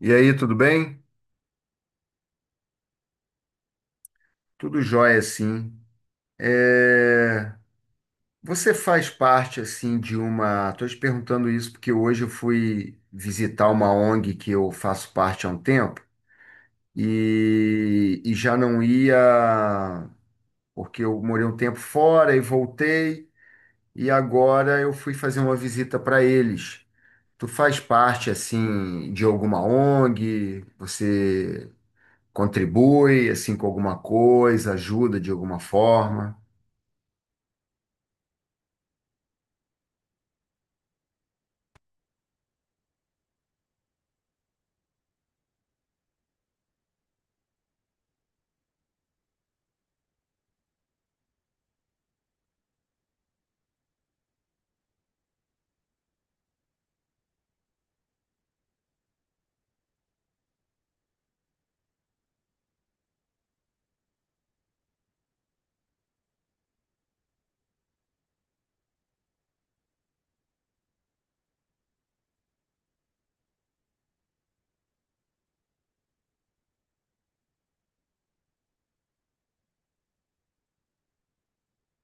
E aí, tudo bem? Tudo jóia, sim. É, Você faz parte, assim, de uma... Estou te perguntando isso porque hoje eu fui visitar uma ONG que eu faço parte há um tempo e já não ia, porque eu morei um tempo fora e voltei, e agora eu fui fazer uma visita para eles. Tu faz parte, assim, de alguma ONG? Você contribui, assim, com alguma coisa, ajuda de alguma forma?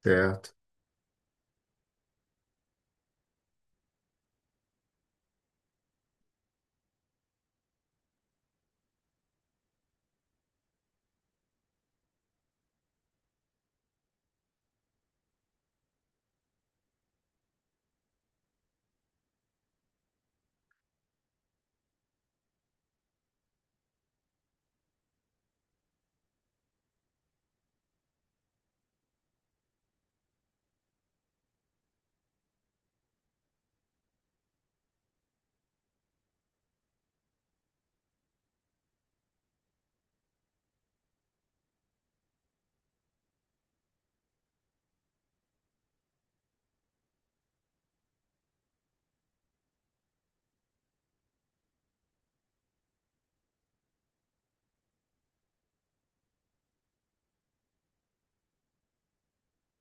Certo.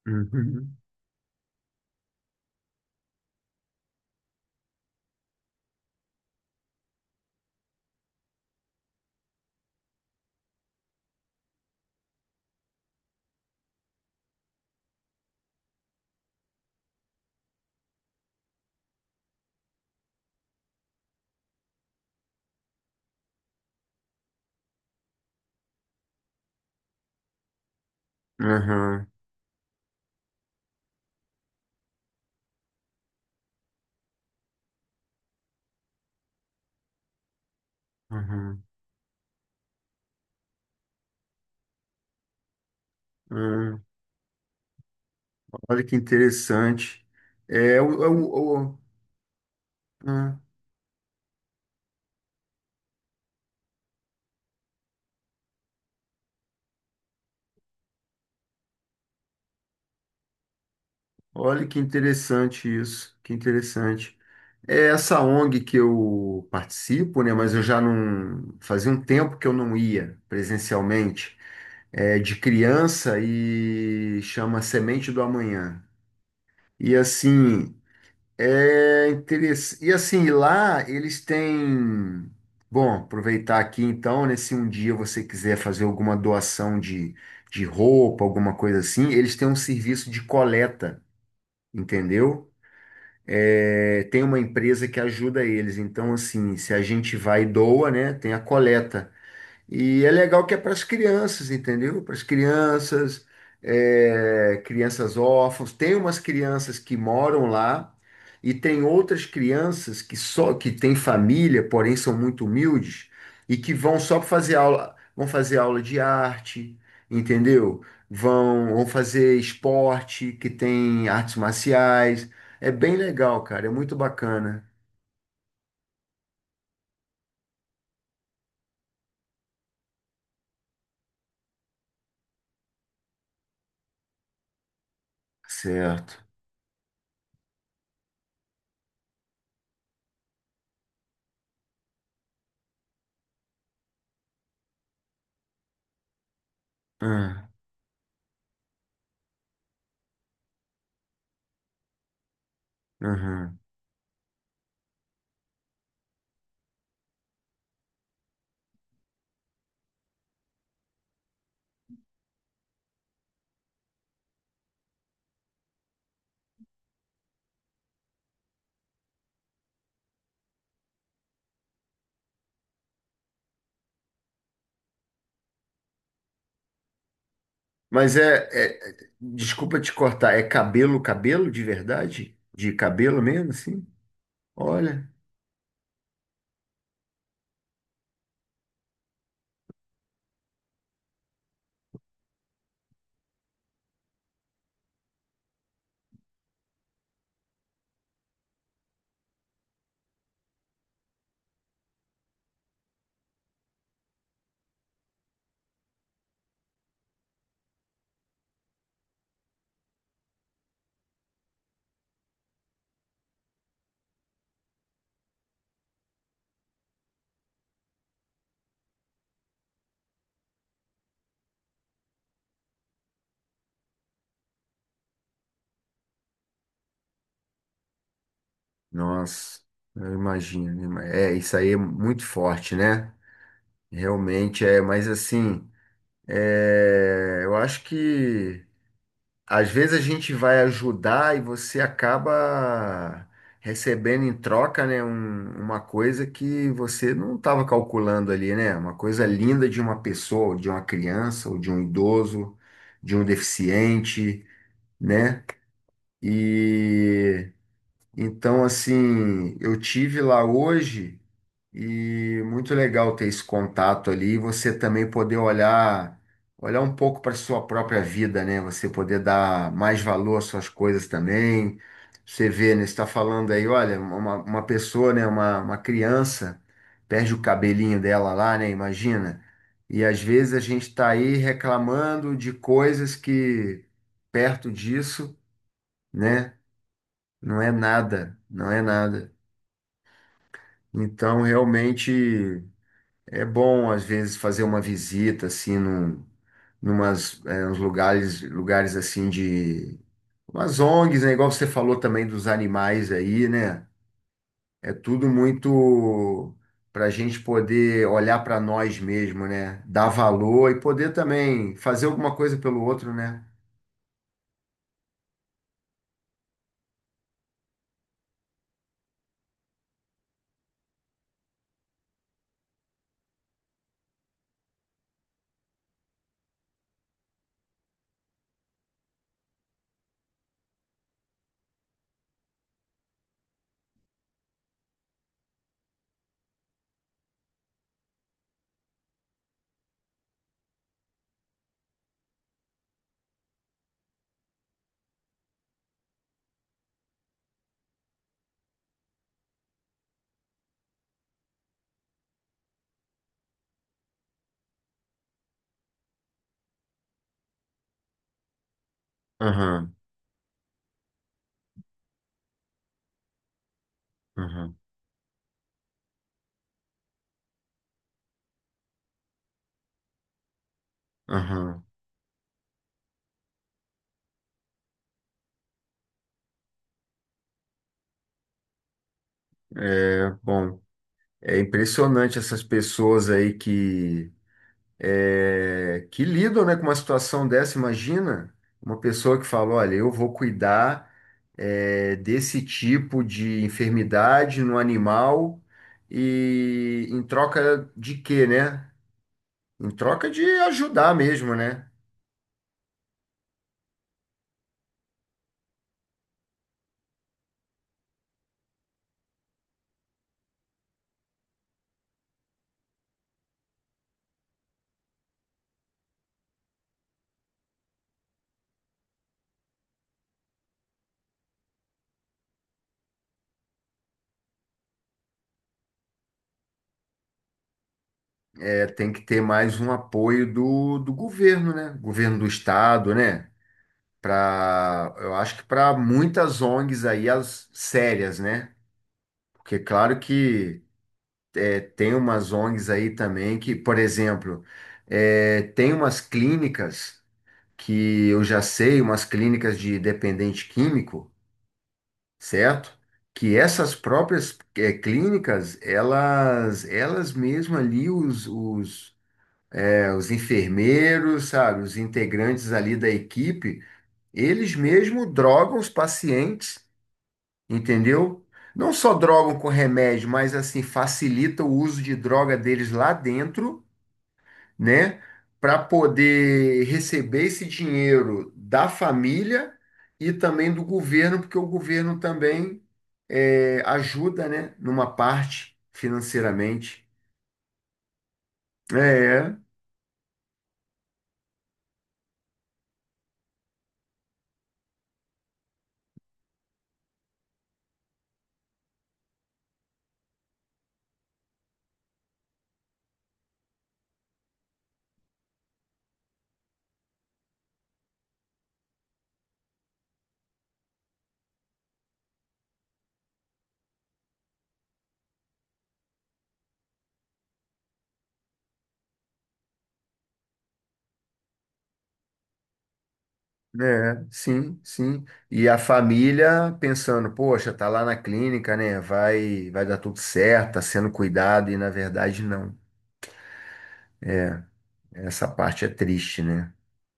Uhum. Aham, aham. Ah, olha que interessante. É, o, o, é o- ah, olha que interessante isso. Que interessante. É essa ONG que eu participo, né? Mas eu já não. Fazia um tempo que eu não ia presencialmente. É de criança e chama Semente do Amanhã. E assim. É interessante. E assim, lá eles têm. Bom, aproveitar aqui então, né? Se um dia você quiser fazer alguma doação de roupa, alguma coisa assim, eles têm um serviço de coleta, entendeu? É, tem uma empresa que ajuda eles. Então, assim, se a gente vai e doa, né? Tem a coleta. E é legal que é para as crianças, entendeu? Para as crianças, é, crianças órfãos. Tem umas crianças que moram lá e tem outras crianças que só que têm família, porém são muito humildes e que vão só para fazer aula, vão fazer aula de arte, entendeu? Vão, vão fazer esporte, que tem artes marciais. É bem legal, cara. É muito bacana. Certo. Ah, uhum. Mas é, desculpa te cortar, é cabelo, cabelo de verdade? De cabelo mesmo, assim? Olha, nossa, eu imagino. Né? É, isso aí é muito forte, né? Realmente é, mas assim, é, eu acho que às vezes a gente vai ajudar e você acaba recebendo em troca, né, um- uma coisa que você não estava calculando ali, né? Uma coisa linda de uma pessoa, de uma criança, ou de um idoso, de um deficiente, né? E então, assim, eu tive lá hoje e muito legal ter esse contato ali e você também poder olhar, olhar um pouco para sua própria vida, né? Você poder dar mais valor às suas coisas também. Você vê, né? Você está falando aí, olha, uma pessoa, né? Uma criança perde o cabelinho dela lá, né? Imagina. E às vezes a gente está aí reclamando de coisas que perto disso, né? Não é nada, não é nada. Então, realmente é bom às vezes fazer uma visita assim numas é, uns lugares, lugares assim de umas ONGs, né? Igual você falou também dos animais aí, né? É tudo muito para a gente poder olhar para nós mesmo, né? Dar valor e poder também fazer alguma coisa pelo outro, né? Aham, aham, aham. É bom. É impressionante essas pessoas aí que é, que lidam, né, com uma situação dessa. Imagina uma pessoa que fala: olha, eu vou cuidar, é, desse tipo de enfermidade no animal e em troca de quê, né? Em troca de ajudar mesmo, né? É, tem que ter mais um apoio do governo, né? Governo do estado, né? Para, eu acho que para muitas ONGs aí, as sérias, né? Porque, é claro que. Tem umas ONGs aí também que, por exemplo, eh, tem umas clínicas que eu já sei, umas clínicas de dependente químico, certo? Que essas próprias eh, clínicas, elas mesmas ali, eh, os enfermeiros, sabe, os integrantes ali da equipe, eles mesmos drogam os pacientes, entendeu? Não só drogam com remédio, mas assim, facilita o uso de droga deles lá dentro né? Para poder receber esse dinheiro da família e também do governo, porque o governo também é, ajuda, né? Numa parte financeiramente. É, sim, sim. E a família pensando, poxa, tá lá na clínica, né? Vai dar tudo certo, tá sendo cuidado, e na verdade não. Essa parte é triste, né?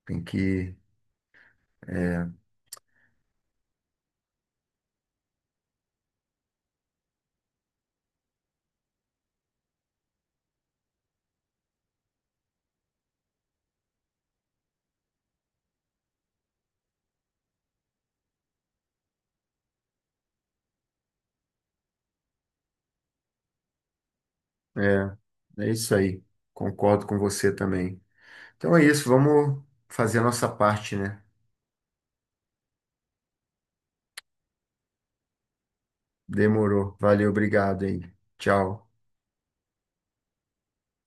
Tem que. É, é isso aí. Concordo com você também. Então é isso, vamos fazer a nossa parte, né? Demorou. Valeu, obrigado aí. Tchau.